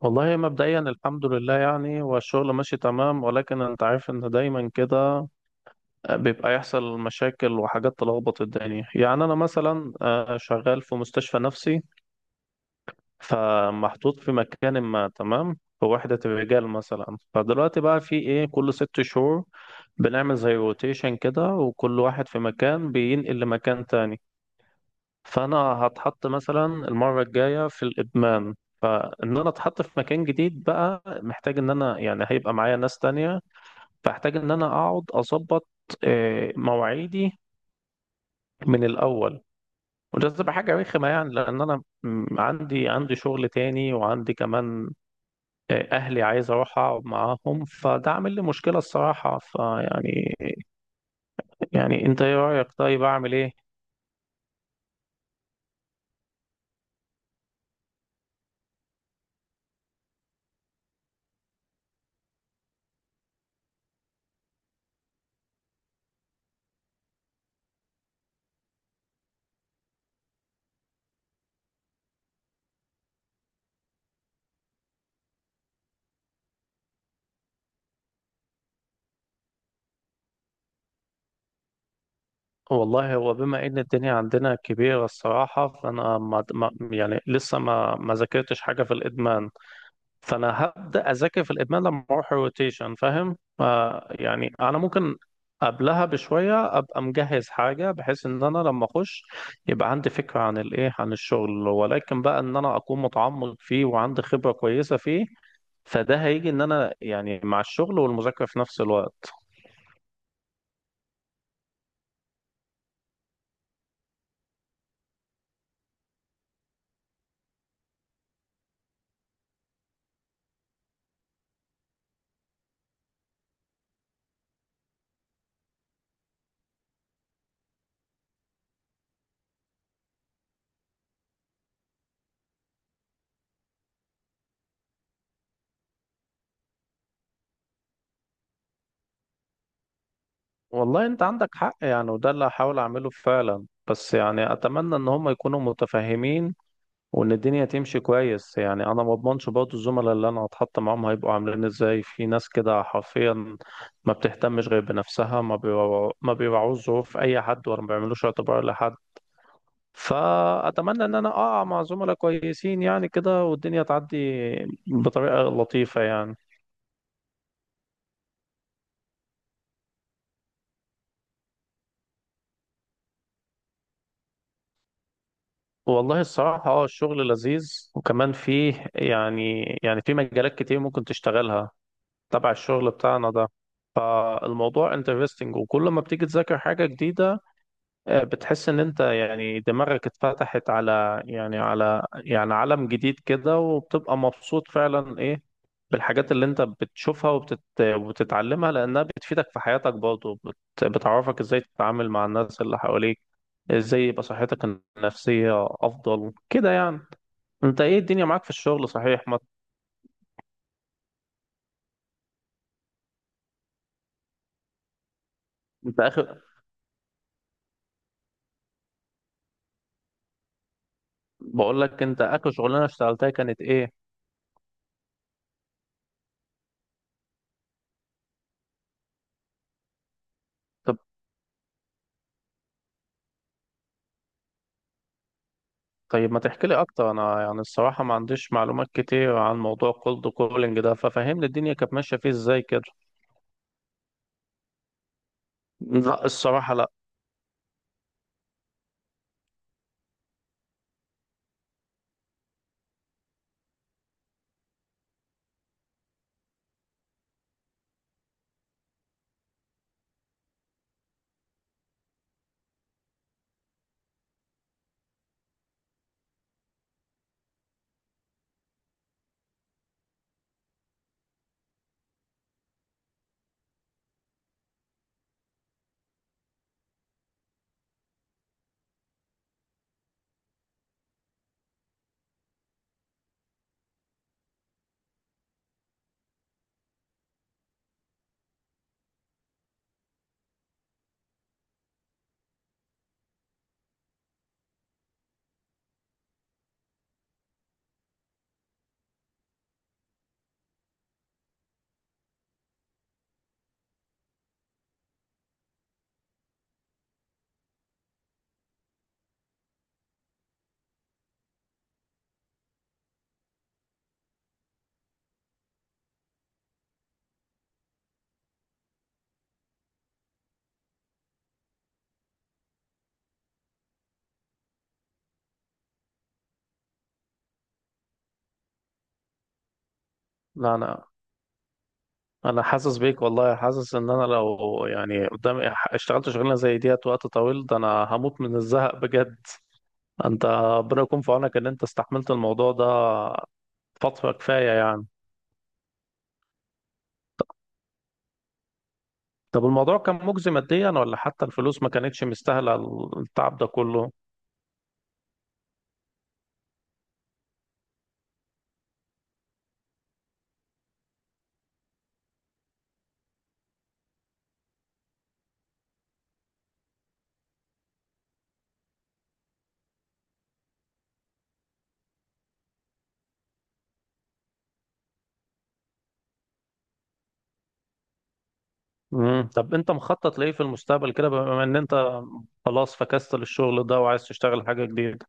والله مبدئيا، الحمد لله، يعني والشغل ماشي تمام، ولكن انت عارف ان دايما كده بيبقى يحصل مشاكل وحاجات تلخبط الدنيا. يعني انا مثلا شغال في مستشفى نفسي. فمحطوط في مكان، ما تمام، في وحدة الرجال مثلا. فدلوقتي بقى في ايه، كل 6 شهور بنعمل زي روتيشن كده، وكل واحد في مكان بينقل لمكان تاني. فانا هتحط مثلا المره الجايه في الادمان. فان انا اتحط في مكان جديد بقى محتاج ان انا يعني هيبقى معايا ناس تانية، فاحتاج ان انا اقعد اظبط مواعيدي من الاول. وده تبقى حاجه رخمه يعني، لان انا عندي شغل تاني، وعندي كمان اهلي عايز اروح اقعد معاهم، فده عامل لي مشكله الصراحه، فيعني يعني انت ايه رايك؟ طيب اعمل ايه؟ والله هو بما ان الدنيا عندنا كبيرة الصراحة، فانا يعني لسه ما ذاكرتش حاجة في الادمان. فانا هبدأ اذاكر في الادمان لما اروح الروتيشن، فاهم؟ يعني انا ممكن قبلها بشوية ابقى مجهز حاجة، بحيث ان انا لما اخش يبقى عندي فكرة عن الايه، عن الشغل، ولكن بقى ان انا اكون متعمق فيه وعندي خبرة كويسة فيه. فده هيجي ان انا يعني مع الشغل والمذاكرة في نفس الوقت. والله انت عندك حق، يعني وده اللي هحاول اعمله فعلا. بس يعني اتمنى ان هم يكونوا متفاهمين، وان الدنيا تمشي كويس. يعني انا ما اضمنش برضه الزملاء اللي انا هتحط معاهم هيبقوا عاملين ازاي. في ناس كده حرفيا ما بتهتمش غير بنفسها، ما بيراعوش ظروف اي حد، ولا ما بيعملوش اعتبار لحد. فاتمنى ان انا اقع مع زملاء كويسين يعني كده، والدنيا تعدي بطريقة لطيفة يعني. والله الصراحة الشغل لذيذ، وكمان فيه يعني في مجالات كتير ممكن تشتغلها تبع الشغل بتاعنا ده. فالموضوع انترستنج، وكل ما بتيجي تذاكر حاجة جديدة بتحس ان انت يعني دماغك اتفتحت على يعني عالم جديد كده، وبتبقى مبسوط فعلا ايه بالحاجات اللي انت بتشوفها وبتتعلمها، لانها بتفيدك في حياتك برضه، بتعرفك ازاي تتعامل مع الناس اللي حواليك، ازاي يبقى صحتك النفسية افضل كده يعني. انت ايه الدنيا معاك في الشغل صحيح؟ ما انت اخر بقول لك انت اخر شغلانة اشتغلتها كانت ايه؟ طيب ما تحكي لي اكتر؟ انا يعني الصراحه ما عنديش معلومات كتير عن موضوع كولد كولينج ده، ففهمني الدنيا كانت ماشيه فيه ازاي كده. لا، الصراحه لا. لا، انا حاسس بيك والله. حاسس ان انا لو يعني قدامي اشتغلت شغلانه زي ديت وقت طويل ده، انا هموت من الزهق بجد. انت ربنا يكون في عونك ان انت استحملت الموضوع ده فتره كفايه يعني. طب الموضوع كان مجزي ماديا، ولا حتى الفلوس ما كانتش مستاهله التعب ده كله؟ مم. طب انت مخطط لايه في المستقبل كده، بما ان انت خلاص فكست للشغل ده وعايز تشتغل حاجة جديدة؟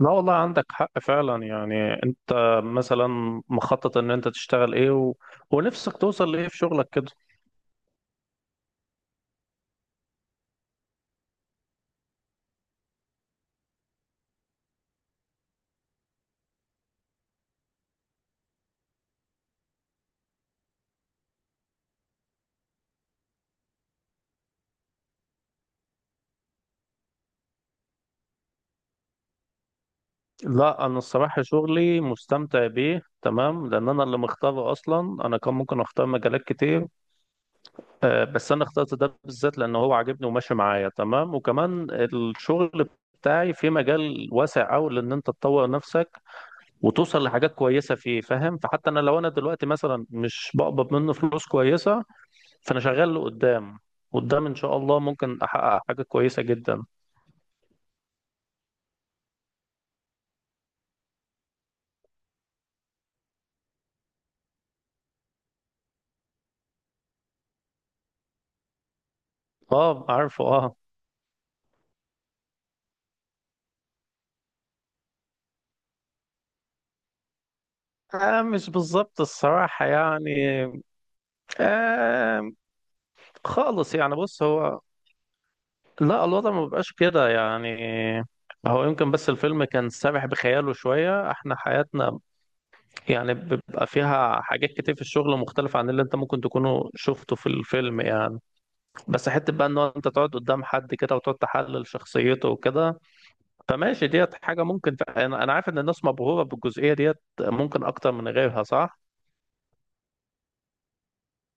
لا والله عندك حق فعلا. يعني انت مثلا مخطط ان انت تشتغل ايه ونفسك توصل لايه في شغلك كده؟ لا، انا الصراحة شغلي مستمتع بيه تمام، لان انا اللي مختاره اصلا. انا كان ممكن اختار مجالات كتير، بس انا اخترت ده بالذات، لان هو عاجبني وماشي معايا تمام. وكمان الشغل بتاعي في مجال واسع قوي، لان انت تطور نفسك وتوصل لحاجات كويسه فيه، فاهم؟ فحتى انا لو انا دلوقتي مثلا مش بقبض منه فلوس كويسه، فانا شغال لقدام. قدام ان شاء الله ممكن احقق حاجه كويسه جدا. اه، عارفه، اه. آه، مش بالظبط الصراحة يعني. آه. خالص. يعني بص هو، لا الوضع ما بيبقاش كده يعني. هو يمكن بس الفيلم كان سابح بخياله شوية. احنا حياتنا يعني بيبقى فيها حاجات كتير في الشغل مختلفة عن اللي انت ممكن تكونوا شفته في الفيلم يعني. بس حته بقى ان هو انت تقعد قدام حد كده وتقعد تحلل شخصيته وكده، فماشي ديت حاجه ممكن. انا عارف ان الناس مبهوره بالجزئيه ديت، ممكن اكتر من غيرها، صح؟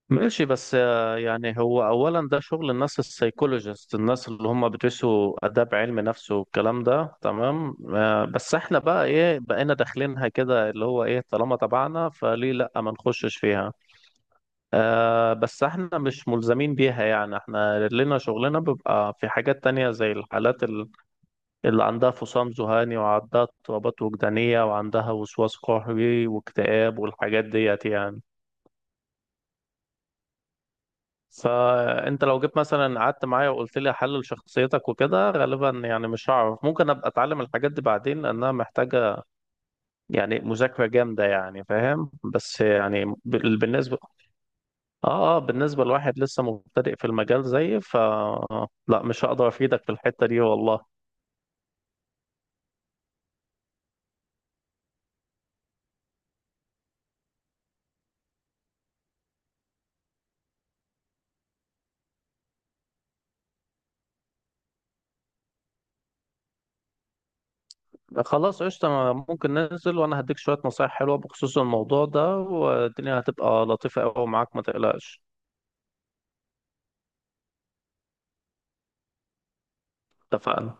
ماشي. بس يعني هو اولا ده شغل الناس السايكولوجيست، الناس اللي هم بيدرسوا اداب علم نفس والكلام ده، تمام؟ بس احنا بقى ايه؟ بقينا داخلينها كده اللي هو ايه، طالما تبعنا فليه لا ما نخشش فيها. آه، بس احنا مش ملزمين بيها يعني. احنا لنا شغلنا، بيبقى في حاجات تانية زي الحالات اللي عندها فصام ذهاني، وعندها اضطرابات وجدانية، وعندها وسواس قهري واكتئاب والحاجات ديت يعني. فانت لو جيت مثلا قعدت معايا وقلت لي احلل شخصيتك وكده، غالبا يعني مش هعرف. ممكن ابقى اتعلم الحاجات دي بعدين، لانها محتاجة يعني مذاكرة جامدة يعني، فاهم؟ بس يعني بالنسبة، اه، اه، بالنسبة لواحد لسه مبتدئ في المجال زيي، لا، مش هقدر افيدك في الحتة دي والله. خلاص قشطة، ممكن ننزل، وأنا هديك شوية نصايح حلوة بخصوص الموضوع ده، والدنيا هتبقى لطيفة أوي معاك، ما تقلقش. اتفقنا.